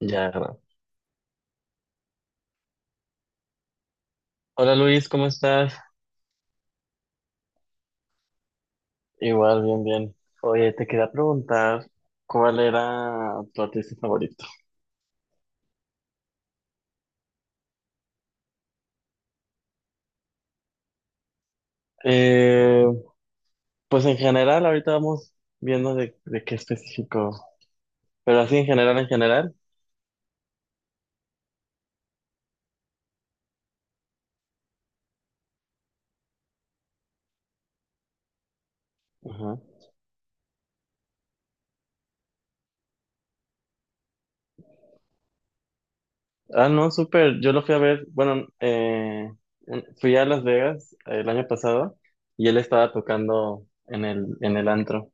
Ya. Hola Luis, ¿cómo estás? Igual, bien, bien. Oye, te quería preguntar cuál era tu artista favorito. Eh, pues en general, ahorita vamos viendo de qué específico, pero así en general, en general. Ajá. Ah, no, súper. Yo lo fui a ver, bueno, fui a Las Vegas el año pasado y él estaba tocando en en el antro.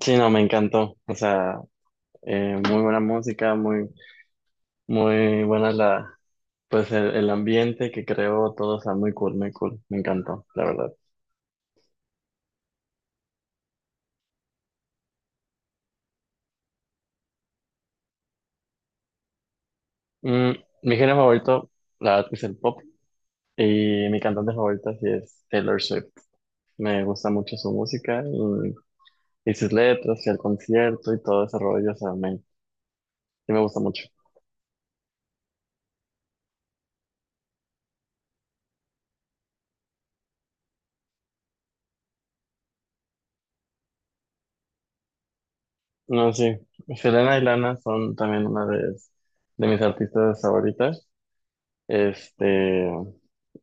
Sí, no, me encantó. O sea, muy buena música, muy buena la pues el ambiente que creó todo está muy cool, muy cool. Me encantó, la verdad. Mm, mi género favorito, la verdad, que es el pop. Y mi cantante favorita sí es Taylor Swift. Me gusta mucho su música y sus letras y el concierto y todo ese rollo. O sea, sí me gusta mucho. No, sí. Selena y Lana son también una de mis artistas favoritas. Este,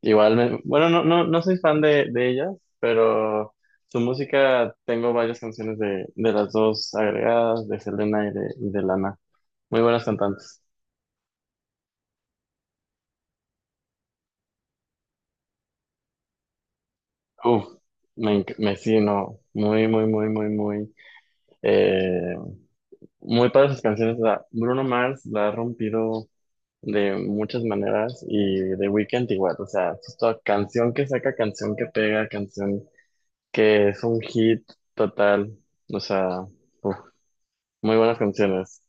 igual, bueno, no soy fan de ellas, pero su música tengo varias canciones de las dos agregadas, de Selena y de Lana. Muy buenas cantantes. Uf, me, enc- me sí, no, muy, muy, muy, muy, muy, eh, muy para sus canciones. Bruno Mars la ha rompido de muchas maneras y The Weeknd igual, o sea, es toda canción que saca, canción que pega, canción, que es un hit total. O sea, uf, muy buenas canciones.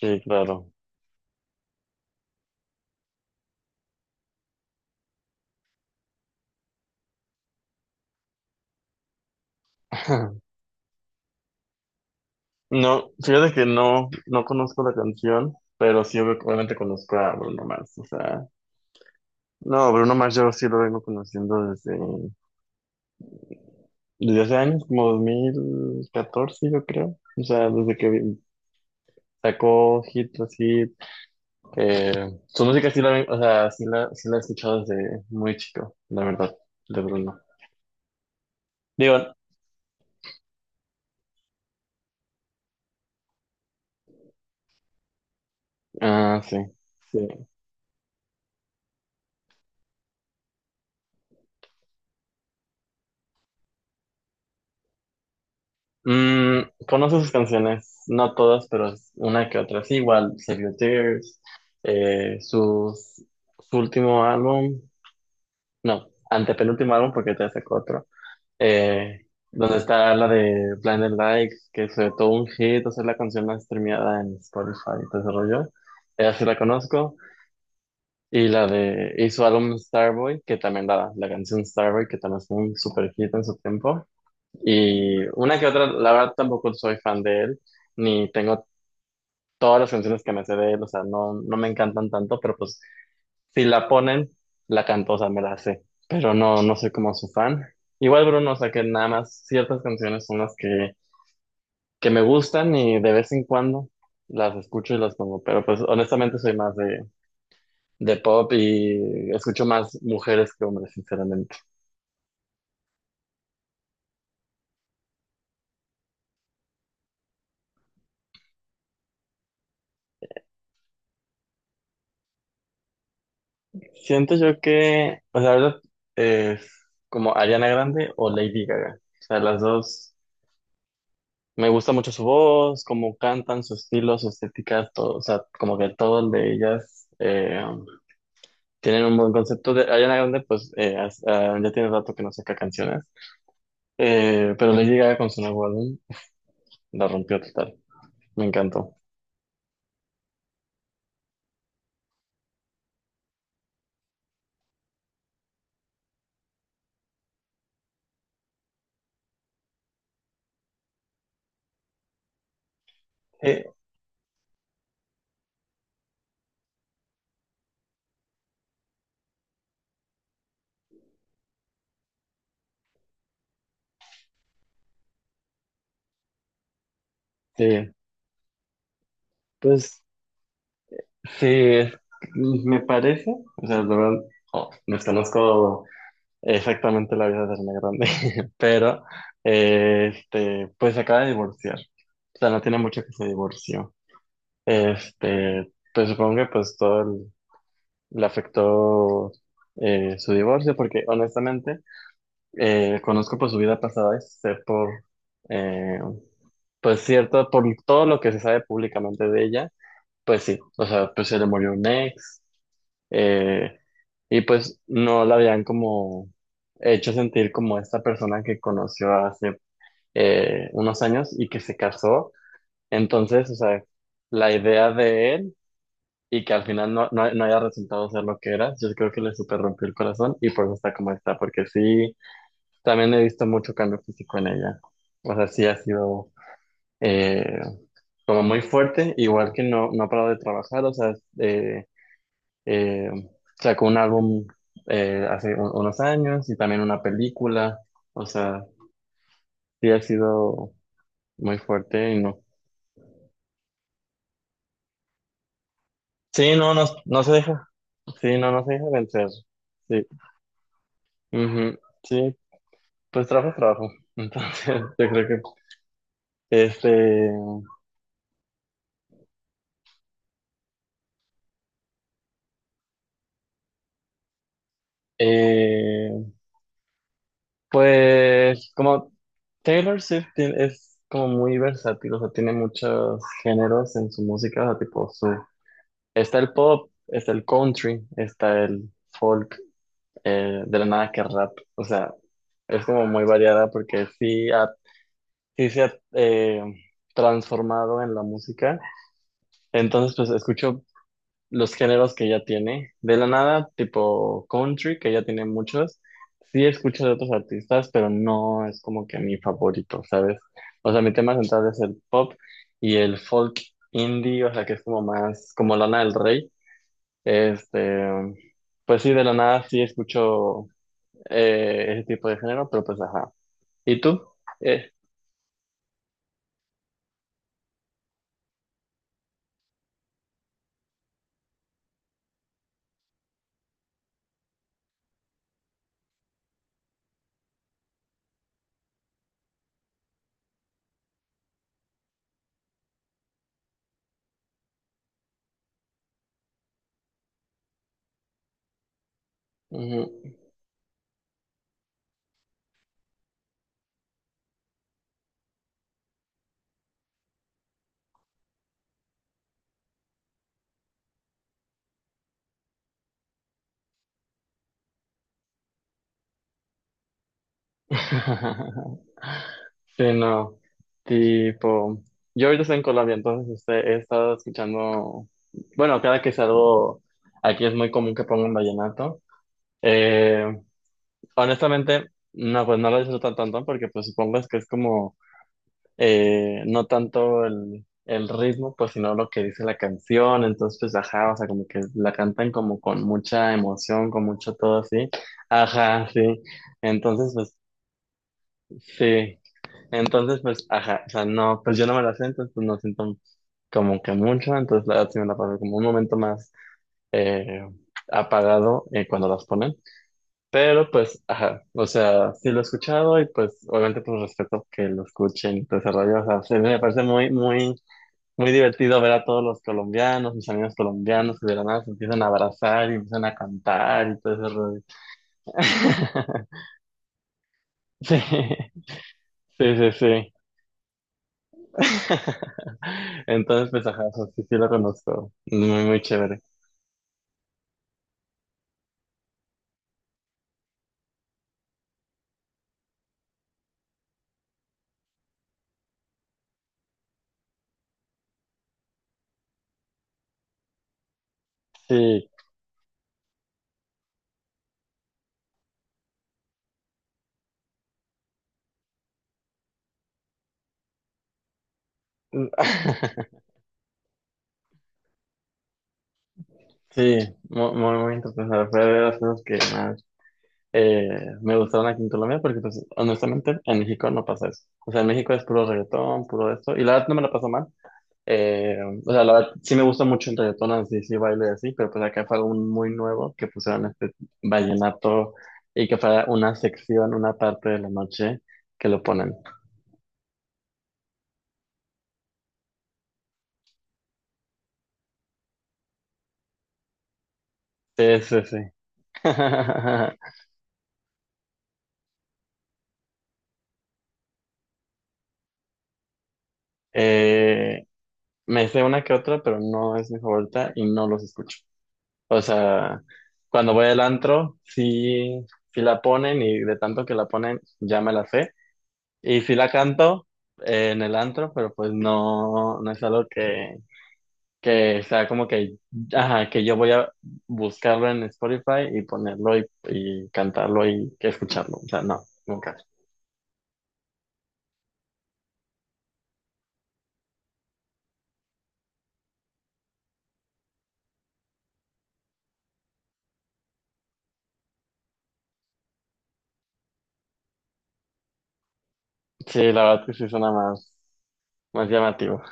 Sí, claro. No, fíjate que no, no conozco la canción, pero sí obviamente conozco a Bruno Mars, o sea, no, Bruno Mars yo sí lo vengo conociendo desde, desde hace años, como 2014 yo creo. O sea, sacó hit así. Su música sí o sea, sí la he escuchado desde muy chico, la verdad, de Bruno. Digo, ah, sí. Sí. Mm, conozco sus canciones, no todas, pero una que otra sí, igual, Save Your Tears, eh, sus- su último álbum, no, antepenúltimo álbum porque te sacó otro, eh, donde está la de Blinded Lights, que fue todo un hit, o sea, la canción más streameada en Spotify y todo ese rollo. Ella sí la conozco, y su álbum Starboy, que también la canción Starboy, que también fue un super hit en su tiempo, y una que otra. La verdad tampoco soy fan de él, ni tengo todas las canciones que me sé de él. O sea, no, no me encantan tanto, pero pues si la ponen, la canto, o sea, me la sé, pero no, no soy como su fan. Igual Bruno, o sea, que nada más ciertas canciones son las que me gustan y de vez en cuando las escucho y las pongo, pero pues honestamente soy más de pop y escucho más mujeres que hombres, sinceramente. Siento yo que, o sea, la verdad, es como Ariana Grande o Lady Gaga. O sea, las dos, me gusta mucho su voz, cómo cantan, su estilo, su estética, todo. O sea, como que todo el de ellas tienen un buen concepto. De Ariana Grande, pues, ah, ya tiene rato que no saca canciones. Pero Lady Gaga con su nuevo álbum la rompió total, me encantó. Sí, sí, pues, sí, me parece, o sea, la verdad, oh, desconozco exactamente la vida de Ariana Grande, pero este, pues se acaba de divorciar, o sea, no tiene mucho que se divorció. Este, pues supongo que le afectó su divorcio, porque honestamente conozco pues su vida pasada y sé por, eh, pues cierto, por todo lo que se sabe públicamente de ella. Pues sí, o sea, pues se le murió un ex, eh, y pues no la habían como hecho sentir como esta persona que conoció hace unos años y que se casó. Entonces, o sea, la idea de él y que al final no, no, no haya resultado ser lo que era, yo creo que le super rompió el corazón y por eso está como está, porque sí, también he visto mucho cambio físico en ella. O sea, sí ha sido eh, como muy fuerte, igual que no, no ha parado de trabajar. O sea, eh, Eh, sacó un álbum unos años y también una película. O sea, sí ha sido muy fuerte y no. Sí, no, no, no se deja. Sí, no, no se deja vencer. Sí, ujú. Sí, pues trabajo, es trabajo. Entonces, yo creo que, este, eh, pues, como Taylor Swift es como muy versátil, o sea, tiene muchos géneros en su música, o sea, tipo su está el pop, está el country, está el folk, de la nada que rap. O sea, es como muy variada porque sí se ha transformado en la música. Entonces, pues escucho los géneros que ya tiene. De la nada, tipo country, que ya tiene muchos. Sí escucho de otros artistas, pero no es como que mi favorito, ¿sabes? O sea, mi tema central es el pop y el folk indie, o sea, que es como más como Lana del Rey. Este, pues sí, de la nada sí escucho ese tipo de género, pero pues ajá. ¿Y tú? Eh, ujú. Sí, no. Tipo, yo ahorita estoy en Colombia, entonces este, he estado escuchando, bueno, cada que salgo, aquí es muy común que pongan vallenato. Eh, Honestamente, no, pues no lo disfruto tanto porque pues supongo es que es como no tanto el ritmo, pues sino lo que dice la canción, entonces pues ajá, o sea, como que la cantan como con mucha emoción, con mucho todo así, ajá, sí, entonces pues sí. Entonces pues ajá, o sea, no, pues yo no me la sé, entonces pues no siento como que mucho, entonces la verdad sí me la paso como un momento más eh, apagado cuando las ponen, pero pues ajá, o sea, sí lo he escuchado y pues obviamente pues respeto que lo escuchen y todo ese rollo. O sea, sí me parece muy, muy muy divertido ver a todos los colombianos, mis amigos colombianos que de la nada se empiezan a abrazar y empiezan a cantar y todo ese rollo. Sí, sí, sí, sí. Entonces, pues, ajá, o sí, sí lo conozco. Muy, muy chévere. Sí. Sí, muy, muy interesante. Fue de las cosas que más eh, me gustaron aquí en Colombia, porque pues, honestamente en México no pasa eso. O sea, en México es puro reggaetón, puro esto, y la verdad no me la paso mal. Eh, o sea, la verdad, sí me gusta mucho el reggaetón, así, sí baile y así, pero pues acá fue algo muy nuevo que pusieron este vallenato y que fue una sección, una parte de la noche que lo ponen. Sí, sí, sí. Eh, me sé una que otra, pero no es mi favorita y no los escucho. O sea, cuando voy al antro, sí, sí la ponen y de tanto que la ponen, ya me la sé. Y sí la canto en el antro, pero pues no, no es algo que sea como que, ajá, que yo voy a buscarlo en Spotify y ponerlo y cantarlo y que escucharlo. O sea, no, nunca. Sí, la verdad que sí suena más, más llamativo.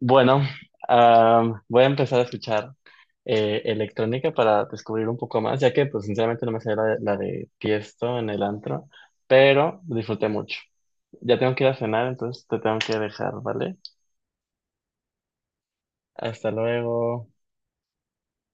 Bueno, am, voy a empezar a escuchar electrónica para descubrir un poco más, ya que pues sinceramente no me sé la, la de Tiesto en el antro, pero disfruté mucho. Ya tengo que ir a cenar, entonces te tengo que dejar, ¿vale? Hasta luego.